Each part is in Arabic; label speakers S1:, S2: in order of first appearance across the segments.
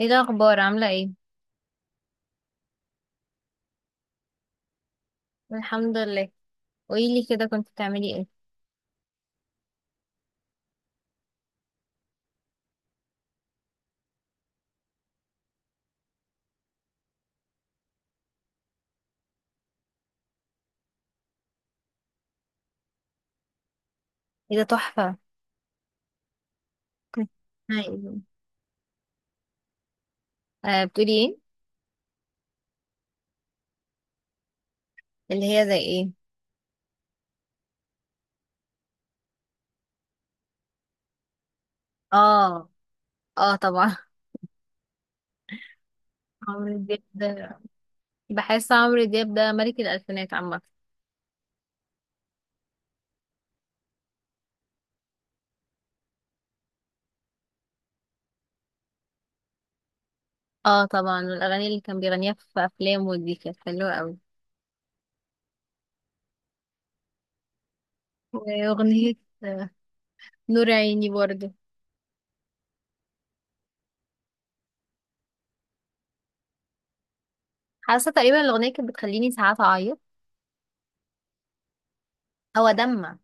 S1: ايه الاخبار، عامله ايه؟ الحمد لله. قوليلي كده، كنت بتعملي ايه؟ ايه ده، تحفة. كنت هاي. بتقولي ايه؟ اللي هي زي ايه؟ اه. اه طبعا. عمرو دياب ده، بحس عمرو دياب ده ملك الالفينات عامه. اه طبعا، والاغاني اللي كان بيغنيها في افلامه دي كانت حلوه قوي. واغنيه آه، نور عيني برضه. حاسه تقريبا الاغنيه كانت بتخليني ساعات اعيط، او ادمع.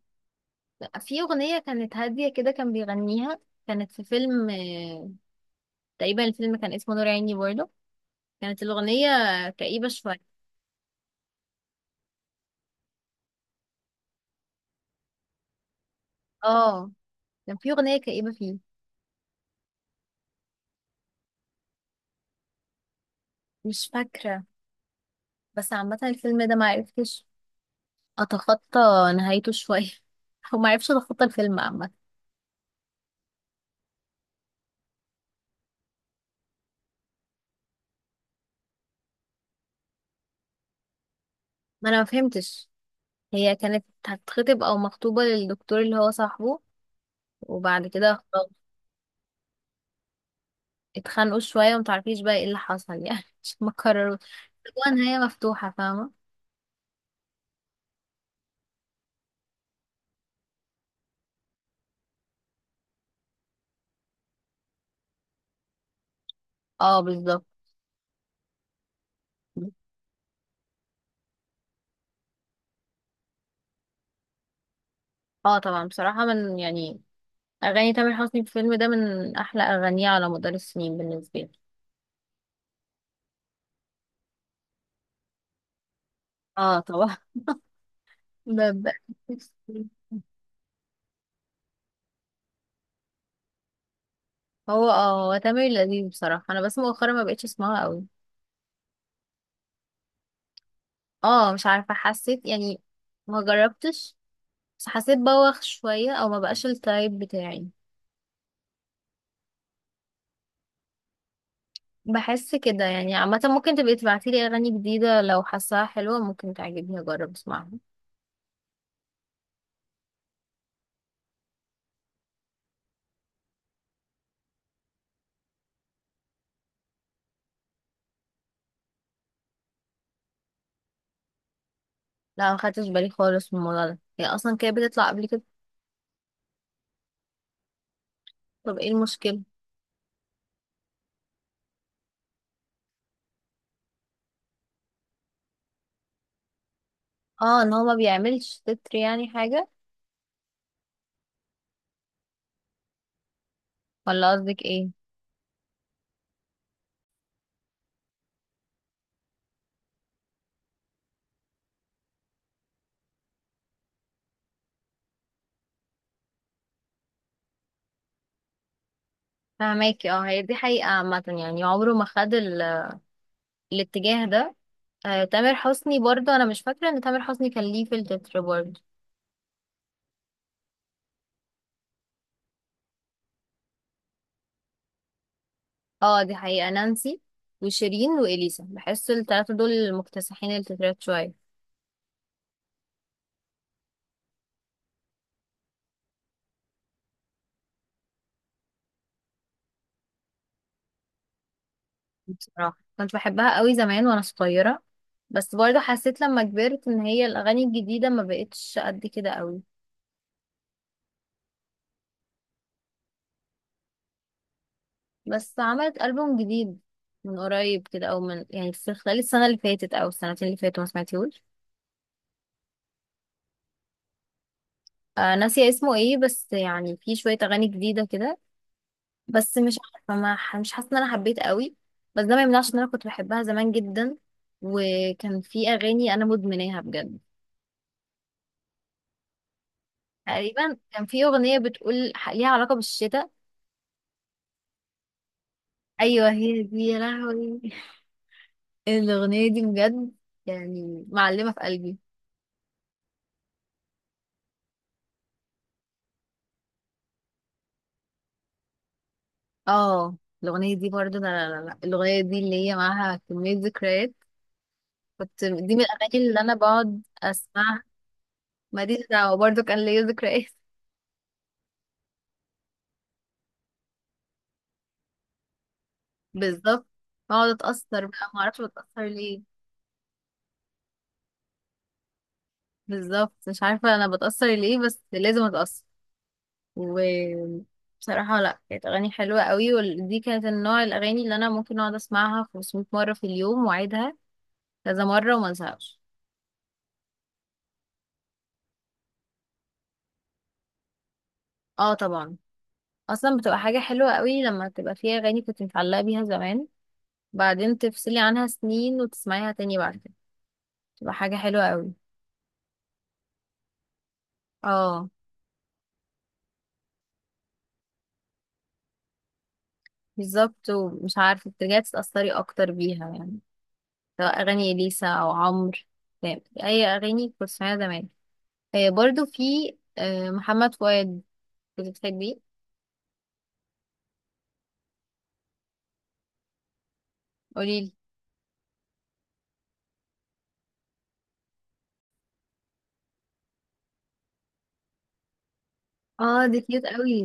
S1: في اغنيه كانت هاديه كده كان بيغنيها، كانت في فيلم، تقريبا الفيلم كان اسمه نور عيني برضه. كانت الأغنية كئيبة شوية. اه، كان في أغنية كئيبة فيه. مش فاكرة، بس عامة الفيلم ده معرفتش أتخطى نهايته شوية. أو معرفتش أتخطى الفيلم عامة. ما أنا مفهمتش، هي كانت هتتخطب أو مخطوبة للدكتور اللي هو صاحبه، وبعد كده خلاص اتخانقوا شوية ومتعرفيش بقى ايه اللي حصل يعني. مش مكرروا، هو نهاية مفتوحة، فاهمة. اه بالظبط. اه طبعا، بصراحة من يعني، اغاني تامر حسني في الفيلم ده من احلى اغانيه على مدار السنين بالنسبه لي. اه طبعا. ب- ب- هو تامر لذيذ، بصراحه انا بس مؤخرا ما بقتش اسمعها قوي. اه مش عارفه، حسيت يعني، ما جربتش، بس حسيت بوخ شويه، او ما بقاش التايب بتاعي. بحس كده يعني عامه، ممكن تبقي تبعتي لي اغاني جديده لو حاساها حلوه، ممكن تعجبني اجرب اسمعها. لا، ما خدتش بالي خالص من الموضوع ده، هي اصلا كانت بتطلع قبل كده. طب ايه المشكله؟ اه، ان هو ما بيعملش تتر يعني حاجه، ولا قصدك ايه؟ فهماكي، اه هي دي حقيقة عامة، يعني عمره ما خد ال... الاتجاه ده. تامر حسني برضه، انا مش فاكرة ان تامر حسني كان ليه في التتر برضه. اه دي حقيقة، نانسي وشيرين واليسا، بحس التلاتة دول مكتسحين التترات شوية. بصراحة كنت بحبها قوي زمان وانا صغيرة، بس برضه حسيت لما كبرت ان هي الاغاني الجديدة ما بقتش قد كده قوي. بس عملت ألبوم جديد من قريب كده، او من يعني في خلال السنة اللي فاتت او السنتين اللي فاتوا، ما سمعتيهوش. ناسية اسمه ايه، بس يعني في شوية اغاني جديدة كده، بس مش عارفة، ما ح- مش حاسة ان انا حبيت قوي. بس ده ما يمنعش ان انا كنت بحبها زمان جدا، وكان في اغاني انا مدمناها بجد. تقريبا كان في اغنية بتقول، ليها علاقة بالشتاء. ايوه هي دي، يا لهوي! الاغنية دي بجد، يعني معلمة في قلبي. اه الاغنية دي برضه، لا، لا، لا، لا. الاغنية دي اللي هي معاها كمية ذكريات، كنت دي من الاغاني اللي انا بقعد اسمعها. ماليش دعوة، برضه كان ليا ذكريات. بالظبط، اقعد اتأثر بقى، ما اعرفش بتأثر ليه. بالظبط مش عارفة انا بتأثر ليه، بس لازم اتأثر. وبصراحة، لا، كانت اغاني حلوة قوي، ودي كانت النوع الاغاني اللي انا ممكن اقعد اسمعها 500 مرة في اليوم واعيدها كذا مرة وما انساهاش. اه طبعا، اصلا بتبقى حاجة حلوة قوي لما تبقى فيها اغاني كنت متعلقة بيها زمان، بعدين تفصلي عنها سنين وتسمعيها تاني بعد كده، تبقى حاجة حلوة قوي. اه بالظبط، ومش عارفة بترجعي تتأثري اكتر بيها يعني، سواء أغاني إليسا أو عمرو، فاهم؟ أي أغاني كنت بسمعها زمان. برضو في محمد فؤاد، كنت بتحبيه. قوليلي. اه دي كيوت قوي.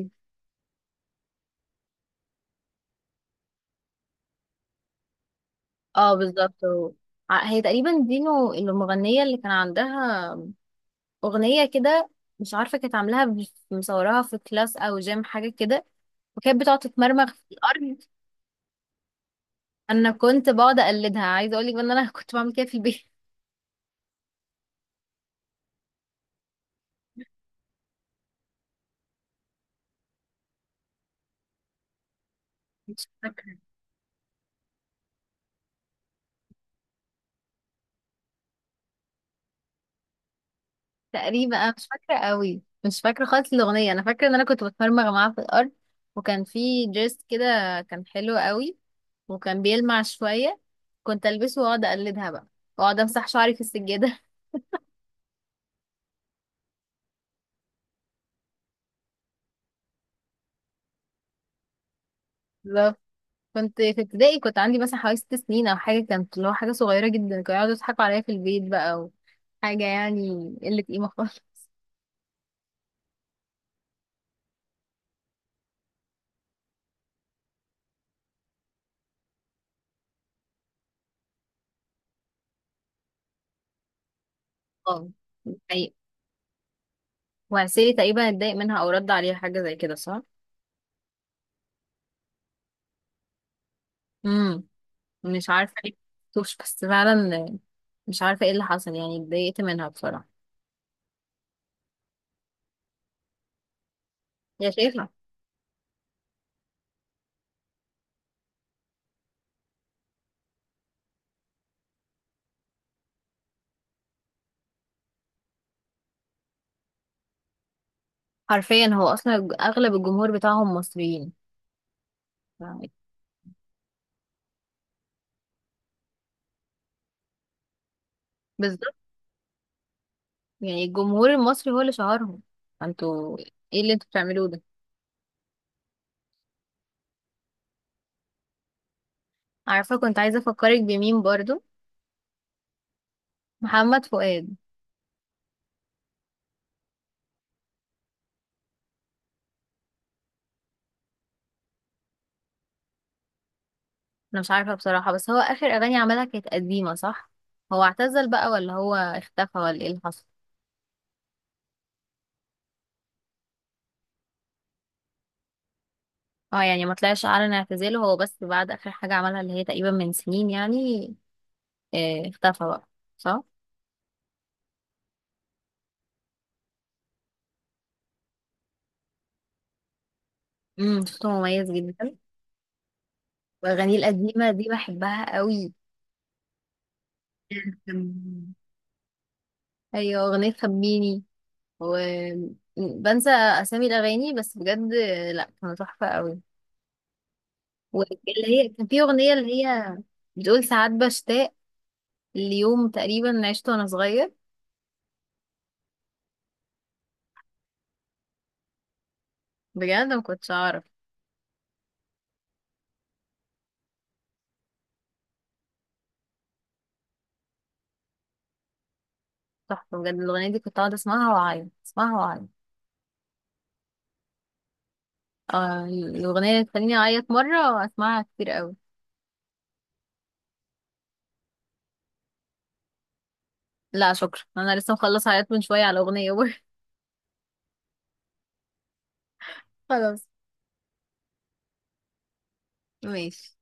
S1: اه بالظبط، هي تقريبا دينو المغنية اللي كان عندها أغنية كده، مش عارفة كانت عاملاها، مصوراها في كلاس أو جيم حاجة كده، وكانت بتقعد تتمرمغ في الأرض. أنا كنت بقعد أقلدها، عايزة أقولك بقى إن أنا كنت بعمل كده في البيت. تقريبا انا مش فاكره قوي، مش فاكره خالص الاغنيه، انا فاكره ان انا كنت بتمرمغ معاه في الارض، وكان في دريس كده، كان حلو قوي وكان بيلمع شويه، كنت البسه واقعد اقلدها بقى، واقعد امسح شعري في السجاده بالظبط، كنت في ابتدائي، كنت عندي مثلا حوالي 6 سنين او حاجه، كانت اللي هو حاجه صغيره جدا، كانوا يقعدوا يضحكوا عليا في البيت بقى، وحاجه يعني قله قيمه خالص. اه دي حقيقة. وعسيري تقريبا اتضايق منها، او رد عليها حاجه زي كده، صح؟ امم مش عارفة ليه، مكتوبش بس فعلا، مش عارفة ايه اللي حصل، يعني اتضايقت منها بصراحة. يا شيخة. حرفيا هو اصلا، اغلب الجمهور بتاعهم مصريين، ف- بالظبط. يعني الجمهور المصري هو اللي شهرهم، انتوا ايه اللي انتوا بتعملوه ده؟ عارفة كنت عايزة افكرك بمين برضو، محمد فؤاد. انا مش عارفة بصراحة، بس هو اخر اغاني عملها كانت قديمة، صح؟ هو اعتزل بقى ولا هو اختفى ولا ايه اللي حصل؟ اه يعني ما طلعش اعلن اعتزاله هو، بس بعد اخر حاجة عملها اللي هي تقريبا من سنين يعني، اختفى بقى، صح. صوته مميز جدا، واغانيه القديمه دي بحبها قوي. مم. ايوه، اغنيه خبيني، وبنسى اسامي الاغاني بس بجد، لا كانوا تحفه قوي. واللي هي كان في اغنيه اللي هي بتقول، ساعات بشتاق ليوم تقريبا عشته وانا صغير. بجد ما كنتش اعرف. تحفه بجد الاغنيه دي، كنت اقعد اسمعها واعيط، اسمعها واعيط. الاغنيه اللي تخليني اعيط مره، اسمعها كتير قوي. لا شكرا، انا لسه مخلص حاجات من شويه على اغنيه برضه. خلاص. ماشي.